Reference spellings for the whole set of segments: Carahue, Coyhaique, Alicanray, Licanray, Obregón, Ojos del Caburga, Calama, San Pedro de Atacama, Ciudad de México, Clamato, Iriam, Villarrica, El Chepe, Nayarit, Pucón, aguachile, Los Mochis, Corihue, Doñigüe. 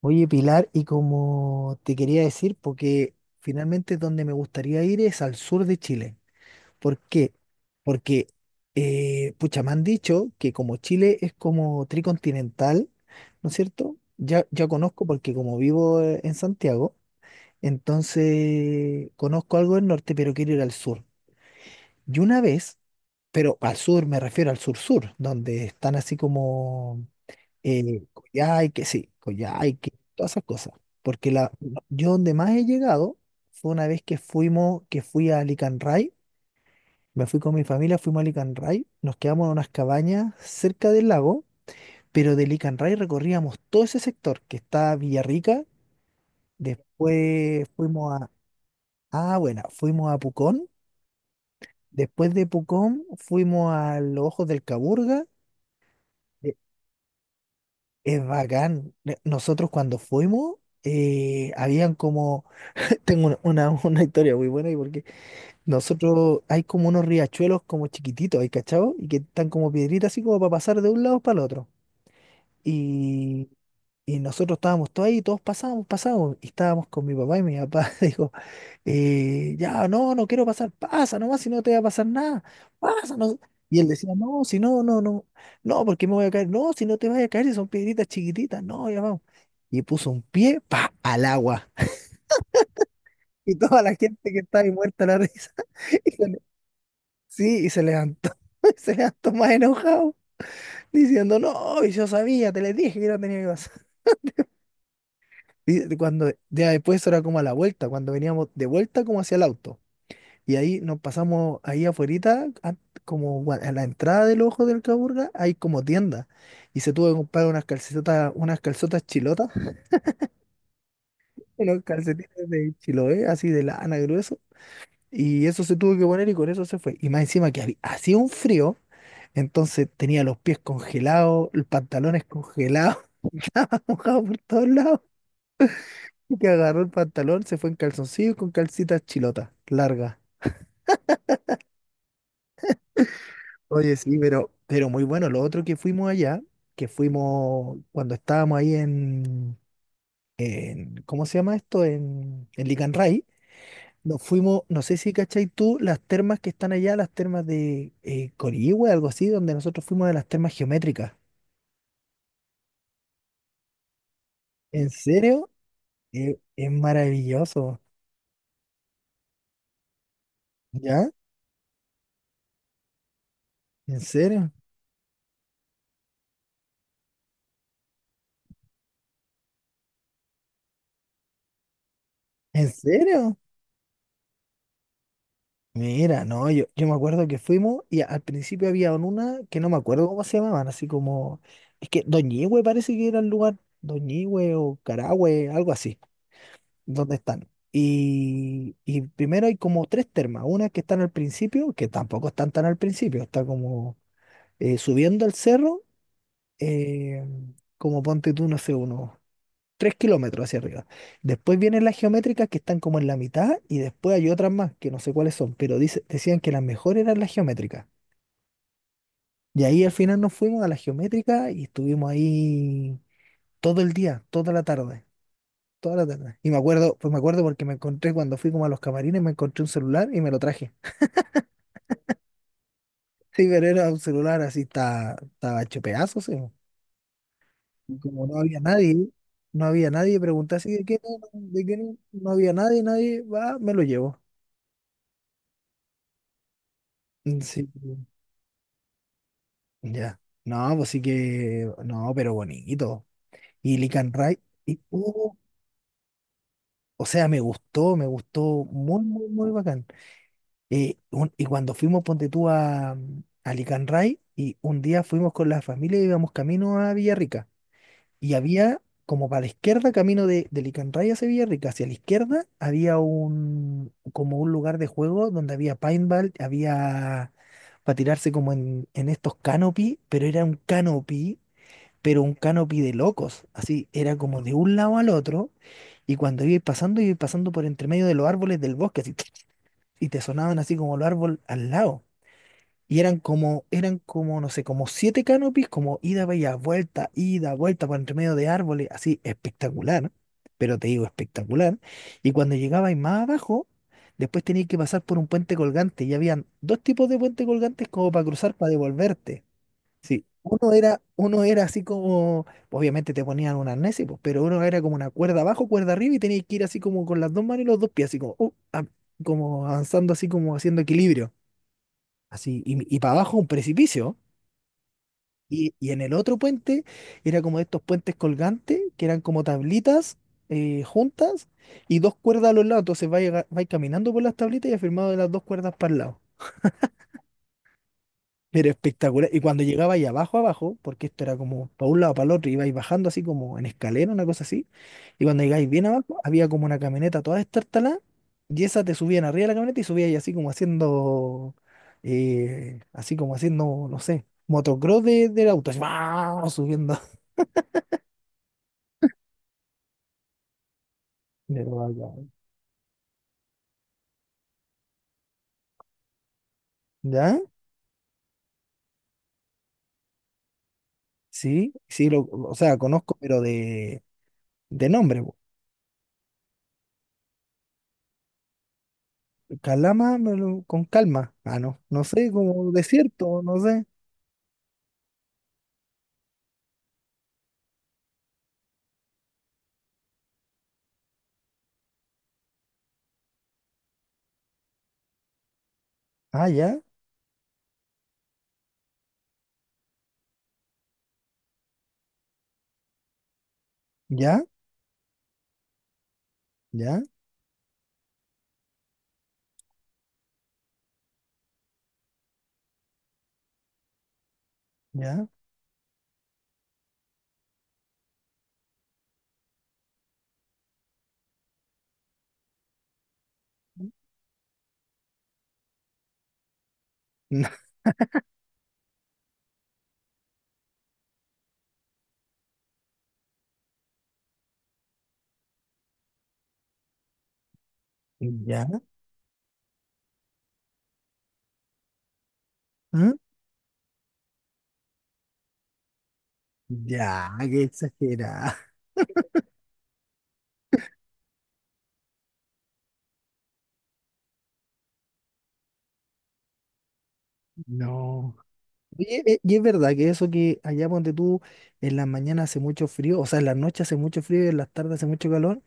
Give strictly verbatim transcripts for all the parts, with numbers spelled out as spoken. Oye, Pilar, y como te quería decir, porque finalmente donde me gustaría ir es al sur de Chile. ¿Por qué? Porque, eh, pucha, me han dicho que como Chile es como tricontinental, ¿no es cierto? Ya, ya conozco porque como vivo eh, en Santiago, entonces conozco algo del norte, pero quiero ir al sur. Y una vez, pero al sur me refiero al sur-sur, donde están así como eh, Coyhaique, sí, Coyhaique, todas esas cosas. Porque la, yo donde más he llegado fue una vez que fuimos, que fui a Alicanray, me fui con mi familia, fuimos a Alicanray, nos quedamos en unas cabañas cerca del lago, pero de Alicanray recorríamos todo ese sector que está Villarrica, después fuimos a, ah, bueno, fuimos a Pucón, después de Pucón fuimos a los Ojos del Caburga. eh, es bacán. Ne- Nosotros cuando fuimos, eh, habían como tengo una, una, una historia muy buena. Y porque nosotros hay como unos riachuelos como chiquititos, ¿hay cachado? Y que están como piedritas así como para pasar de un lado para el otro. Y, y nosotros estábamos todos ahí, todos pasábamos, pasábamos. Y estábamos con mi papá y mi papá dijo, eh, ya, no, no quiero pasar, pasa nomás, si no te va a pasar nada, pasa. No. Y él decía, no, si no, no, no, no, porque me voy a caer, no, si no te vas a caer, si son piedritas chiquititas, no, ya vamos. Y puso un pie, pa, al agua. Y toda la gente que estaba ahí muerta la risa. Y se le- sí, y se levantó. Se levantó más enojado, diciendo, no, y yo sabía, te le dije que no tenía que pasar. Y cuando, ya después eso era como a la vuelta, cuando veníamos de vuelta como hacia el auto. Y ahí nos pasamos ahí afuerita, an- como gua- a la entrada del ojo del Caburga, hay como tienda. Y se tuvo que comprar unas calcetas, unas calzotas chilotas, unos calcetines de Chiloé, así de lana grueso. Y eso se tuvo que poner y con eso se fue. Y más encima que había- hacía un frío, entonces tenía los pies congelados, los pantalones congelados, estaba mojado por todos lados. Y que agarró el pantalón, se fue en calzoncillo y con calcitas chilotas, largas. Oye, sí, pero, pero muy bueno. Lo otro que fuimos allá, que fuimos cuando estábamos ahí en, en- ¿cómo se llama esto? En, en Licanray. Nos fuimos, no sé si cachai tú, las termas que están allá, las termas de eh, Corihue, algo así, donde nosotros fuimos de las termas geométricas. ¿En serio? Eh, es maravilloso. ¿Ya? ¿En serio? ¿En serio? Mira, no, yo, yo me acuerdo que fuimos y al principio había una que no me acuerdo cómo se llamaban, así como, es que Doñigüe parece que era el lugar, Doñigüe o Carahue, algo así, donde están. Y, y primero hay como tres termas, una que están al principio, que tampoco están tan al principio, está como eh, subiendo al cerro, eh, como ponte tú, no sé, unos tres kilómetros hacia arriba. Después vienen las geométricas que están como en la mitad y después hay otras más que no sé cuáles son, pero dice, decían que las mejores eran las geométricas. Y ahí al final nos fuimos a las geométricas y estuvimos ahí todo el día, toda la tarde. Toda la tarde. Y me acuerdo, pues me acuerdo porque me encontré cuando fui como a los camarines, me encontré un celular y me lo traje. Sí, pero era un celular así, estaba, estaba hecho pedazos, sí. Y como no había nadie, no había nadie, pregunté así, ¿de qué no? No, ¿de qué no? No había nadie, nadie, va, me lo llevo. Mm, sí, ya. No, pues sí que, no, pero bonito. Y Lick and Ride, y, uh, o sea, me gustó, me gustó muy, muy, muy bacán. Eh, un- y cuando fuimos, ponte tú a, a Licanray, y un día fuimos con la familia y íbamos camino a Villarrica. Y había, como para la izquierda, camino de, de Licanray hacia Villarrica, hacia la izquierda había un, como un lugar de juego donde había paintball, había para tirarse como en, en estos canopy, pero era un canopy, pero un canopy de locos. Así, era como de un lado al otro, y cuando iba pasando, iba pasando por entre medio de los árboles del bosque, así, y te sonaban así como los árboles al lado. Y eran como, eran como, no sé, como siete canopies, como ida, vaya, vuelta, ida, vuelta por entre medio de árboles, así espectacular, pero te digo espectacular. Y cuando llegabais más abajo, después tenías que pasar por un puente colgante y habían dos tipos de puentes colgantes como para cruzar, para devolverte. Sí, uno era, uno era así como, obviamente te ponían un arnés, y pues, pero uno era como una cuerda abajo, cuerda arriba y tenías que ir así como con las dos manos y los dos pies, así como, uh, ah, como avanzando así como haciendo equilibrio, así, y, y para abajo un precipicio. Y, y en el otro puente era como estos puentes colgantes, que eran como tablitas eh, juntas y dos cuerdas a los lados, entonces vais, aga- vais caminando por las tablitas y afirmado de las dos cuerdas para el lado. Pero espectacular. Y cuando llegaba ahí abajo, abajo, porque esto era como para un lado, para el otro, ibais bajando así como en escalera, una cosa así. Y cuando llegáis bien abajo, había como una camioneta toda destartalada. Y esa te subían arriba de la camioneta y subíais así como haciendo, eh, así como haciendo, no sé, motocross de, del auto. Así, ¡guau! Subiendo. Pero bacán. ¿Ya? Sí, sí, lo, o sea, conozco, pero de, de nombre, po. Calama, me lo- con calma. Ah, no, no sé, como desierto, no sé. Ah, ya, ya. ¿Ya? ¿Ya? No, ¿Ya? ¿Ah? Ya, qué exagerada. No. Oye, eh, y es verdad que eso que allá donde tú en la mañana hace mucho frío, o sea, en la noche hace mucho frío y en las tardes hace mucho calor.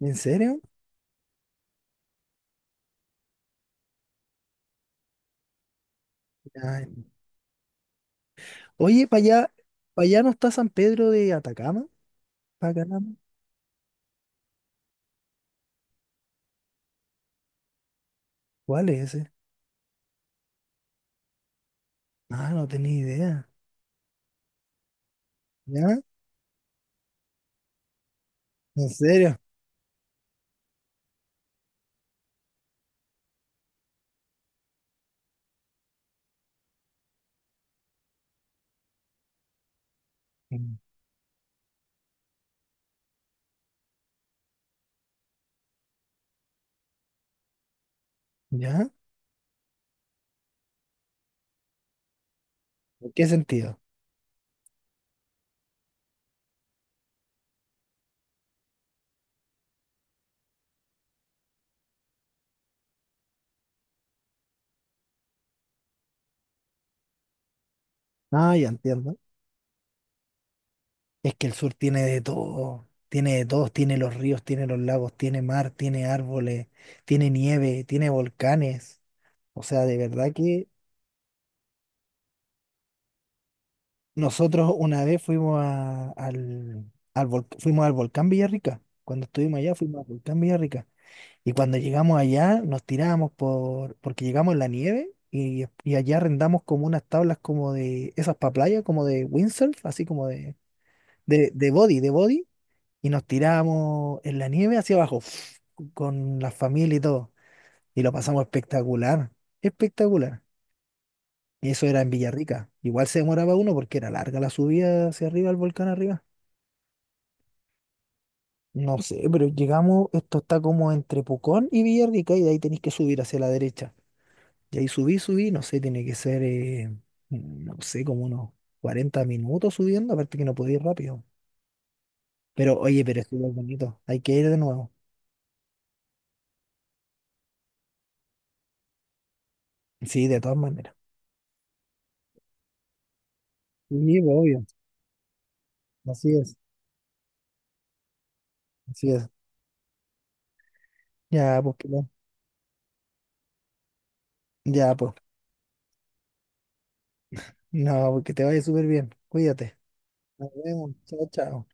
¿En serio? Ay. Oye, para allá, para allá no está San Pedro de Atacama, para acá, ¿cuál es ese? Ah, no tenía idea. ¿Ya? ¿En serio? Mm. ¿Ya? ¿En qué sentido? Ah, ya entiendo. Es que el sur tiene de todo, tiene de todo, tiene los ríos, tiene los lagos, tiene mar, tiene árboles, tiene nieve, tiene volcanes. O sea, de verdad que nosotros una vez fuimos a- al, al vol- fuimos al volcán Villarrica. Cuando estuvimos allá fuimos al volcán Villarrica. Y cuando llegamos allá nos tirábamos por, porque llegamos en la nieve y, y allá arrendamos como unas tablas como de esas para playa, como de windsurf, así como de, de, de body, de body. Y nos tiramos en la nieve hacia abajo, con la familia y todo. Y lo pasamos espectacular, espectacular. Y eso era en Villarrica. Igual se demoraba uno porque era larga la subida hacia arriba, al volcán arriba. No sé, pero llegamos, esto está como entre Pucón y Villarrica y de ahí tenéis que subir hacia la derecha. Y ahí subí, subí, no sé, tiene que ser, eh, no sé, como unos cuarenta minutos subiendo, aparte que no podía ir rápido. Pero oye, pero estuvo bonito, hay que ir de nuevo. Sí, de todas maneras. Sí, pues, obvio, así es. Así es. Ya, pues, que no- ya, pues. No, pues que te vaya súper bien. Cuídate. Nos vemos. Chao, chao.